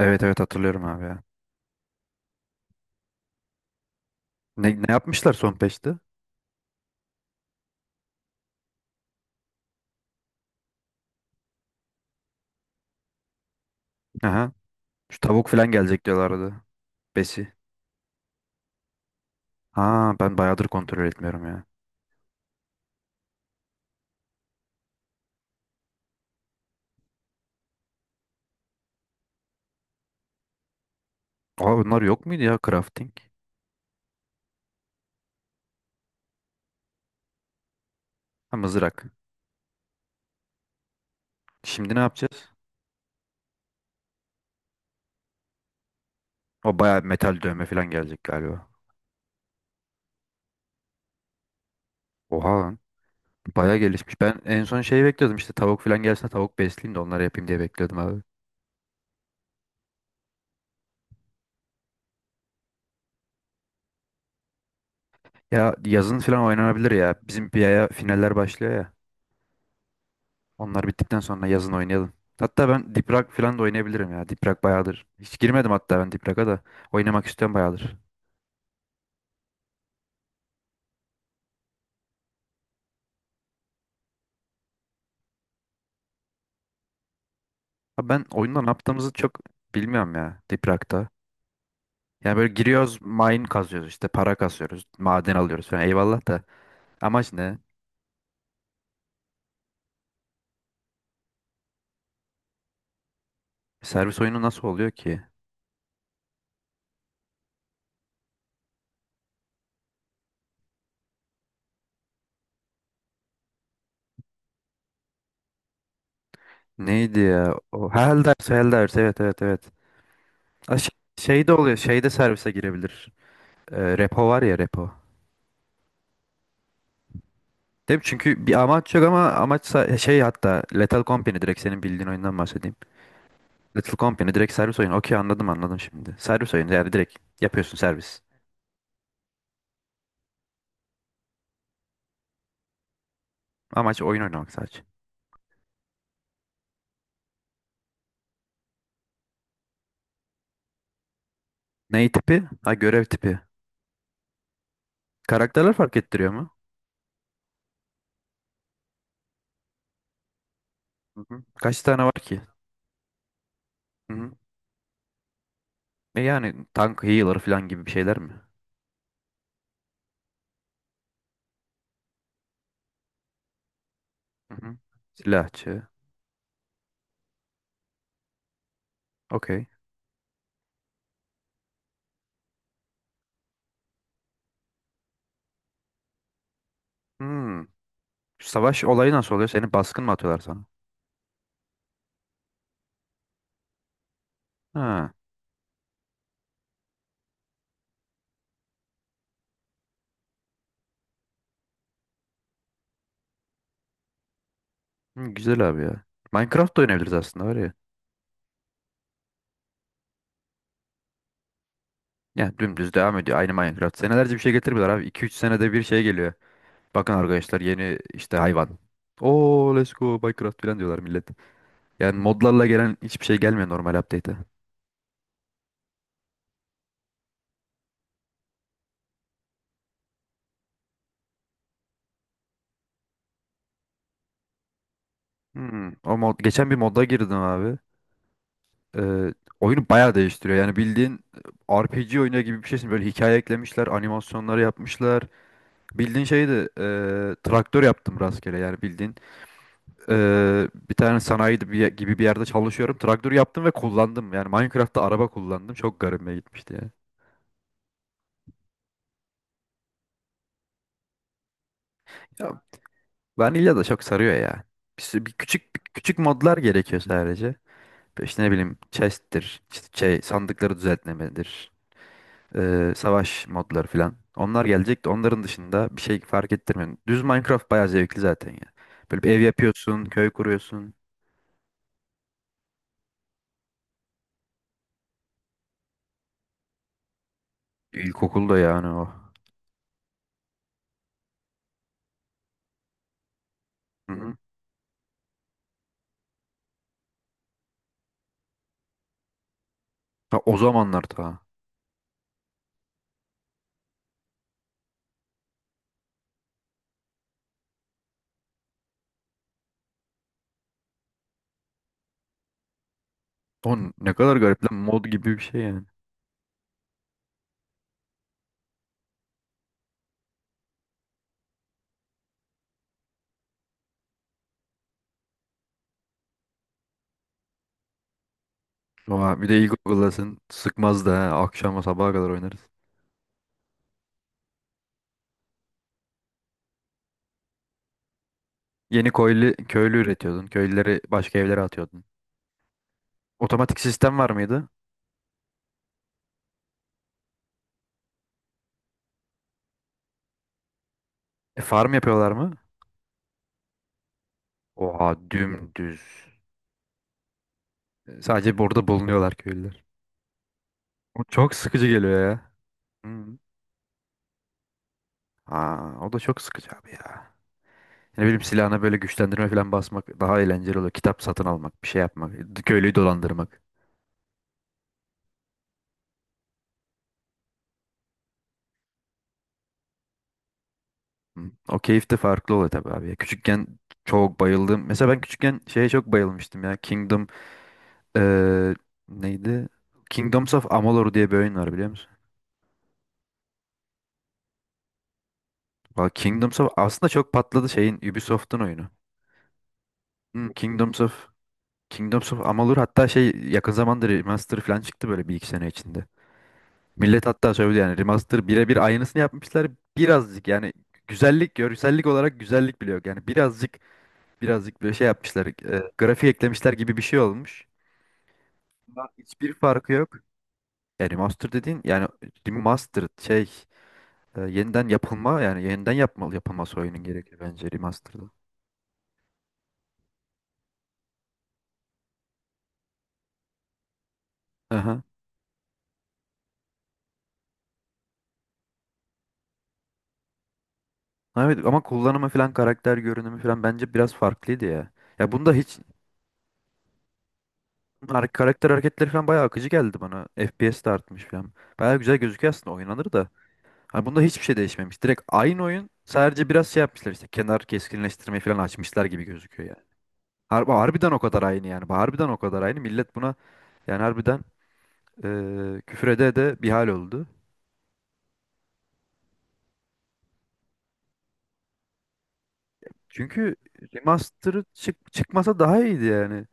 Evet evet hatırlıyorum abi ya. Ne yapmışlar son peşte? Aha. Şu tavuk falan gelecek diyorlardı. Besi. Ha ben bayağıdır kontrol etmiyorum ya. Aa, bunlar yok muydu ya crafting? Ha, mızrak. Şimdi ne yapacağız? O bayağı metal dövme falan gelecek galiba. Oha lan. Bayağı gelişmiş. Ben en son şey bekliyordum, işte tavuk falan gelsin de tavuk besleyeyim de onları yapayım diye bekliyordum abi. Ya yazın falan oynanabilir ya. Bizim bir aya finaller başlıyor ya. Onlar bittikten sonra yazın oynayalım. Hatta ben Diprak falan da oynayabilirim ya. Diprak bayağıdır. Hiç girmedim hatta ben Diprak'a da. Oynamak istiyorum bayağıdır. Abi ben oyunda ne yaptığımızı çok bilmiyorum ya Diprak'ta. Yani böyle giriyoruz, mine kazıyoruz, işte para kasıyoruz, maden alıyoruz falan. Eyvallah da. Amaç ne? Servis oyunu nasıl oluyor ki? Neydi ya? O Helldivers, Helldivers. Evet evet evet. Ha. Şey de oluyor. Şeyde servise girebilir. Repo var ya repo. Değil çünkü bir amaç yok, ama amaçsa şey, hatta Lethal Company, direkt senin bildiğin oyundan bahsedeyim. Lethal Company direkt servis oyunu. Okey, anladım anladım şimdi. Servis oyunu, yani direkt yapıyorsun servis. Amaç oyun oynamak sadece. Ney tipi? Ha, görev tipi. Karakterler fark ettiriyor mu? Hı hı. Kaç tane var ki? Hı hı. E yani tank, healer falan gibi bir şeyler mi? Hı hı. Silahçı. Okey. Hmm. Savaş olayı nasıl oluyor? Seni baskın mı atıyorlar sana? Ha. Hı, güzel abi ya. Minecraft da oynayabiliriz aslında var ya. Ya dümdüz devam ediyor. Aynı Minecraft. Senelerce bir şey getirmiyorlar abi. 2-3 senede bir şey geliyor. Bakın arkadaşlar, yeni işte hayvan. Oo let's go Minecraft falan diyorlar millet. Yani modlarla gelen hiçbir şey gelmiyor normal update'e. Hmm. O mod, geçen bir modda girdim abi. Ee, Oyunu bayağı değiştiriyor. Yani bildiğin RPG oyunu gibi bir şeysin. Böyle hikaye eklemişler, animasyonları yapmışlar. Bildiğin şeydi, traktör yaptım rastgele. Yani bildiğin bir tane sanayi de bir gibi bir yerde çalışıyorum. Traktör yaptım ve kullandım. Yani Minecraft'ta araba kullandım. Çok garibime gitmişti ya. Ya vanilya da çok sarıyor ya. Bir küçük modlar gerekiyor sadece. İşte ne bileyim chest'tir, işte şey sandıkları düzeltmemedir, savaş modları falan. Onlar gelecek de onların dışında bir şey fark ettirmiyor. Düz Minecraft bayağı zevkli zaten ya. Böyle bir ev yapıyorsun, köy kuruyorsun. İlkokulda yani o. Hı hı. Ha, o zamanlar ta. On ne kadar garip lan, mod gibi bir şey yani. Oha, bir de iyi Google'lasın sıkmaz da ha. Akşama sabaha kadar oynarız. Yeni köylü, köylü üretiyordun. Köylüleri başka evlere atıyordun. Otomatik sistem var mıydı? Farm yapıyorlar mı? Oha dümdüz. Sadece burada bulunuyorlar köylüler. O çok sıkıcı geliyor ya. Hı. Aa, o da çok sıkıcı abi ya. Ne bileyim, silahına böyle güçlendirme falan basmak daha eğlenceli oluyor. Kitap satın almak, bir şey yapmak, köylüyü dolandırmak. Hı. O keyif de farklı oluyor tabii abi ya. Küçükken çok bayıldım. Mesela ben küçükken şeye çok bayılmıştım ya. Kingdom eee, neydi? Kingdoms of Amalur diye bir oyun var, biliyor musun? Valla Kingdoms of aslında çok patladı, şeyin Ubisoft'un oyunu. Hı, Kingdoms of Amalur, hatta şey yakın zamanda remaster falan çıktı, böyle bir iki sene içinde. Millet hatta söyledi, yani remaster birebir aynısını yapmışlar. Birazcık yani güzellik, görsellik olarak güzellik bile yok. Yani birazcık birazcık böyle şey yapmışlar. Grafik eklemişler gibi bir şey olmuş. Aslında hiçbir farkı yok. Yani remaster dediğin, yani remastered şey, yeniden yapılma, yani yeniden yapılması oyunun gerekir bence remaster'da. Aha. Evet, ama kullanımı falan, karakter görünümü falan bence biraz farklıydı ya. Ya bunda hiç karakter hareketleri falan bayağı akıcı geldi bana. FPS de artmış falan. Bayağı güzel gözüküyor, aslında oynanır da. Hani bunda hiçbir şey değişmemiş. Direkt aynı oyun, sadece biraz şey yapmışlar, işte kenar keskinleştirmeyi falan açmışlar gibi gözüküyor yani. Harbiden o kadar aynı yani. Harbiden o kadar aynı. Millet buna yani harbiden küfrede de bir hal oldu. Çünkü remaster'ı çıkmasa daha iyiydi yani.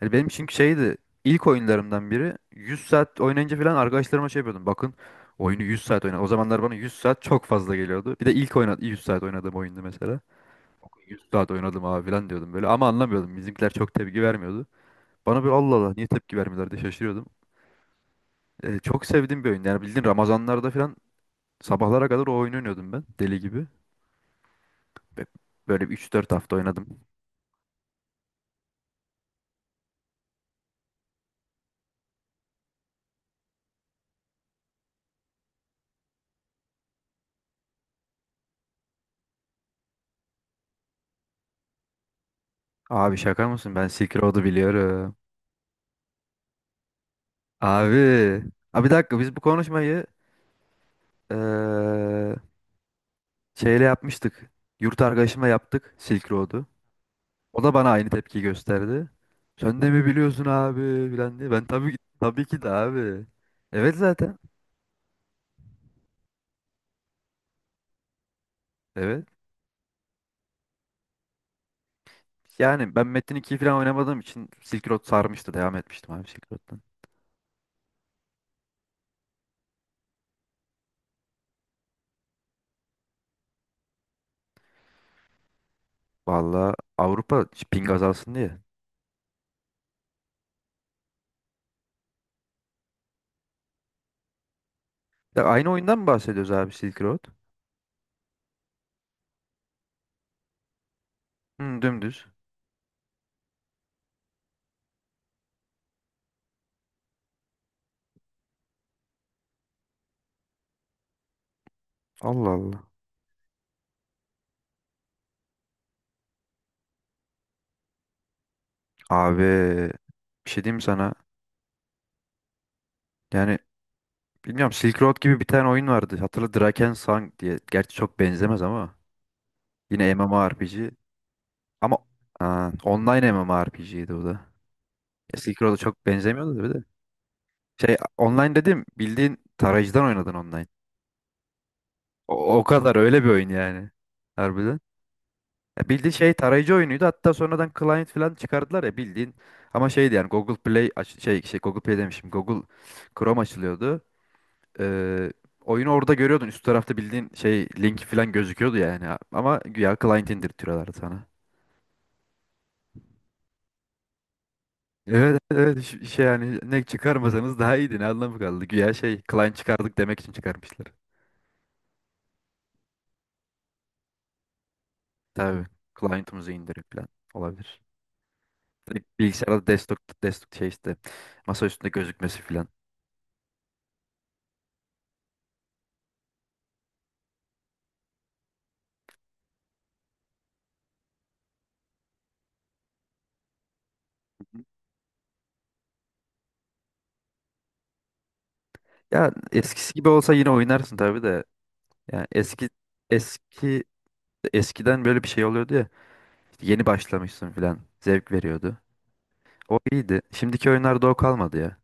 Hani benim çünkü şeydi, ilk oyunlarımdan biri. 100 saat oynayınca falan arkadaşlarıma şey yapıyordum. Bakın, oyunu 100 saat oynadım. O zamanlar bana 100 saat çok fazla geliyordu. Bir de ilk oynadım 100 saat oynadığım oyundu mesela. 100 saat oynadım abi falan diyordum böyle, ama anlamıyordum. Bizimkiler çok tepki vermiyordu. Bana böyle Allah Allah niye tepki vermiyorlar diye şaşırıyordum. Çok sevdiğim bir oyun. Yani bildiğin Ramazanlarda falan sabahlara kadar o oyunu oynuyordum ben, deli gibi. Ve böyle bir 3-4 hafta oynadım. Abi şaka mısın? Ben Silk Road'u biliyorum. Abi. Abi bir dakika, biz bu konuşmayı eee, şeyle yapmıştık. Yurt arkadaşımla yaptık Silk Road'u. O da bana aynı tepki gösterdi. Sen de mi biliyorsun abi filan diye. Ben tabii ki, tabii ki de abi. Evet zaten. Evet. Yani ben Metin 2'yi falan oynamadığım için Silk Road sarmıştı. Devam etmiştim abi Silk Road'dan. Valla Avrupa ping azalsın diye. Ya aynı oyundan mı bahsediyoruz abi, Silk Road? Hı, dümdüz. Allah Allah. Abi bir şey diyeyim mi sana. Yani bilmiyorum, Silk Road gibi bir tane oyun vardı. Hatırla, Drakensang diye. Gerçi çok benzemez ama. Yine MMORPG. Ama online MMORPG'ydi bu da. Ya Silk Road'a çok benzemiyordu da bir de. Şey online dedim, bildiğin tarayıcıdan oynadın online. O kadar öyle bir oyun yani. Harbiden. Ya bildiğin şey tarayıcı oyunuydu. Hatta sonradan client falan çıkardılar ya bildiğin. Ama şeydi yani, Google Play aç- şey, şey Google Play demişim. Google Chrome açılıyordu. Ee, Oyunu orada görüyordun. Üst tarafta bildiğin şey linki falan gözüküyordu yani. Ama güya client indirtiyorlardı sana. Evet evet, şey yani ne çıkarmasanız daha iyiydi, ne anlamı kaldı. Güya şey, client çıkardık demek için çıkarmışlar. Tabii client'ımızı indirip falan olabilir. Direkt bilgisayarda, desktop şey, işte masa üstünde gözükmesi falan. Ya eskisi gibi olsa yine oynarsın tabii de. Yani eski eskiden böyle bir şey oluyordu ya. İşte yeni başlamışsın falan, zevk veriyordu. O iyiydi. Şimdiki oyunlarda o kalmadı ya.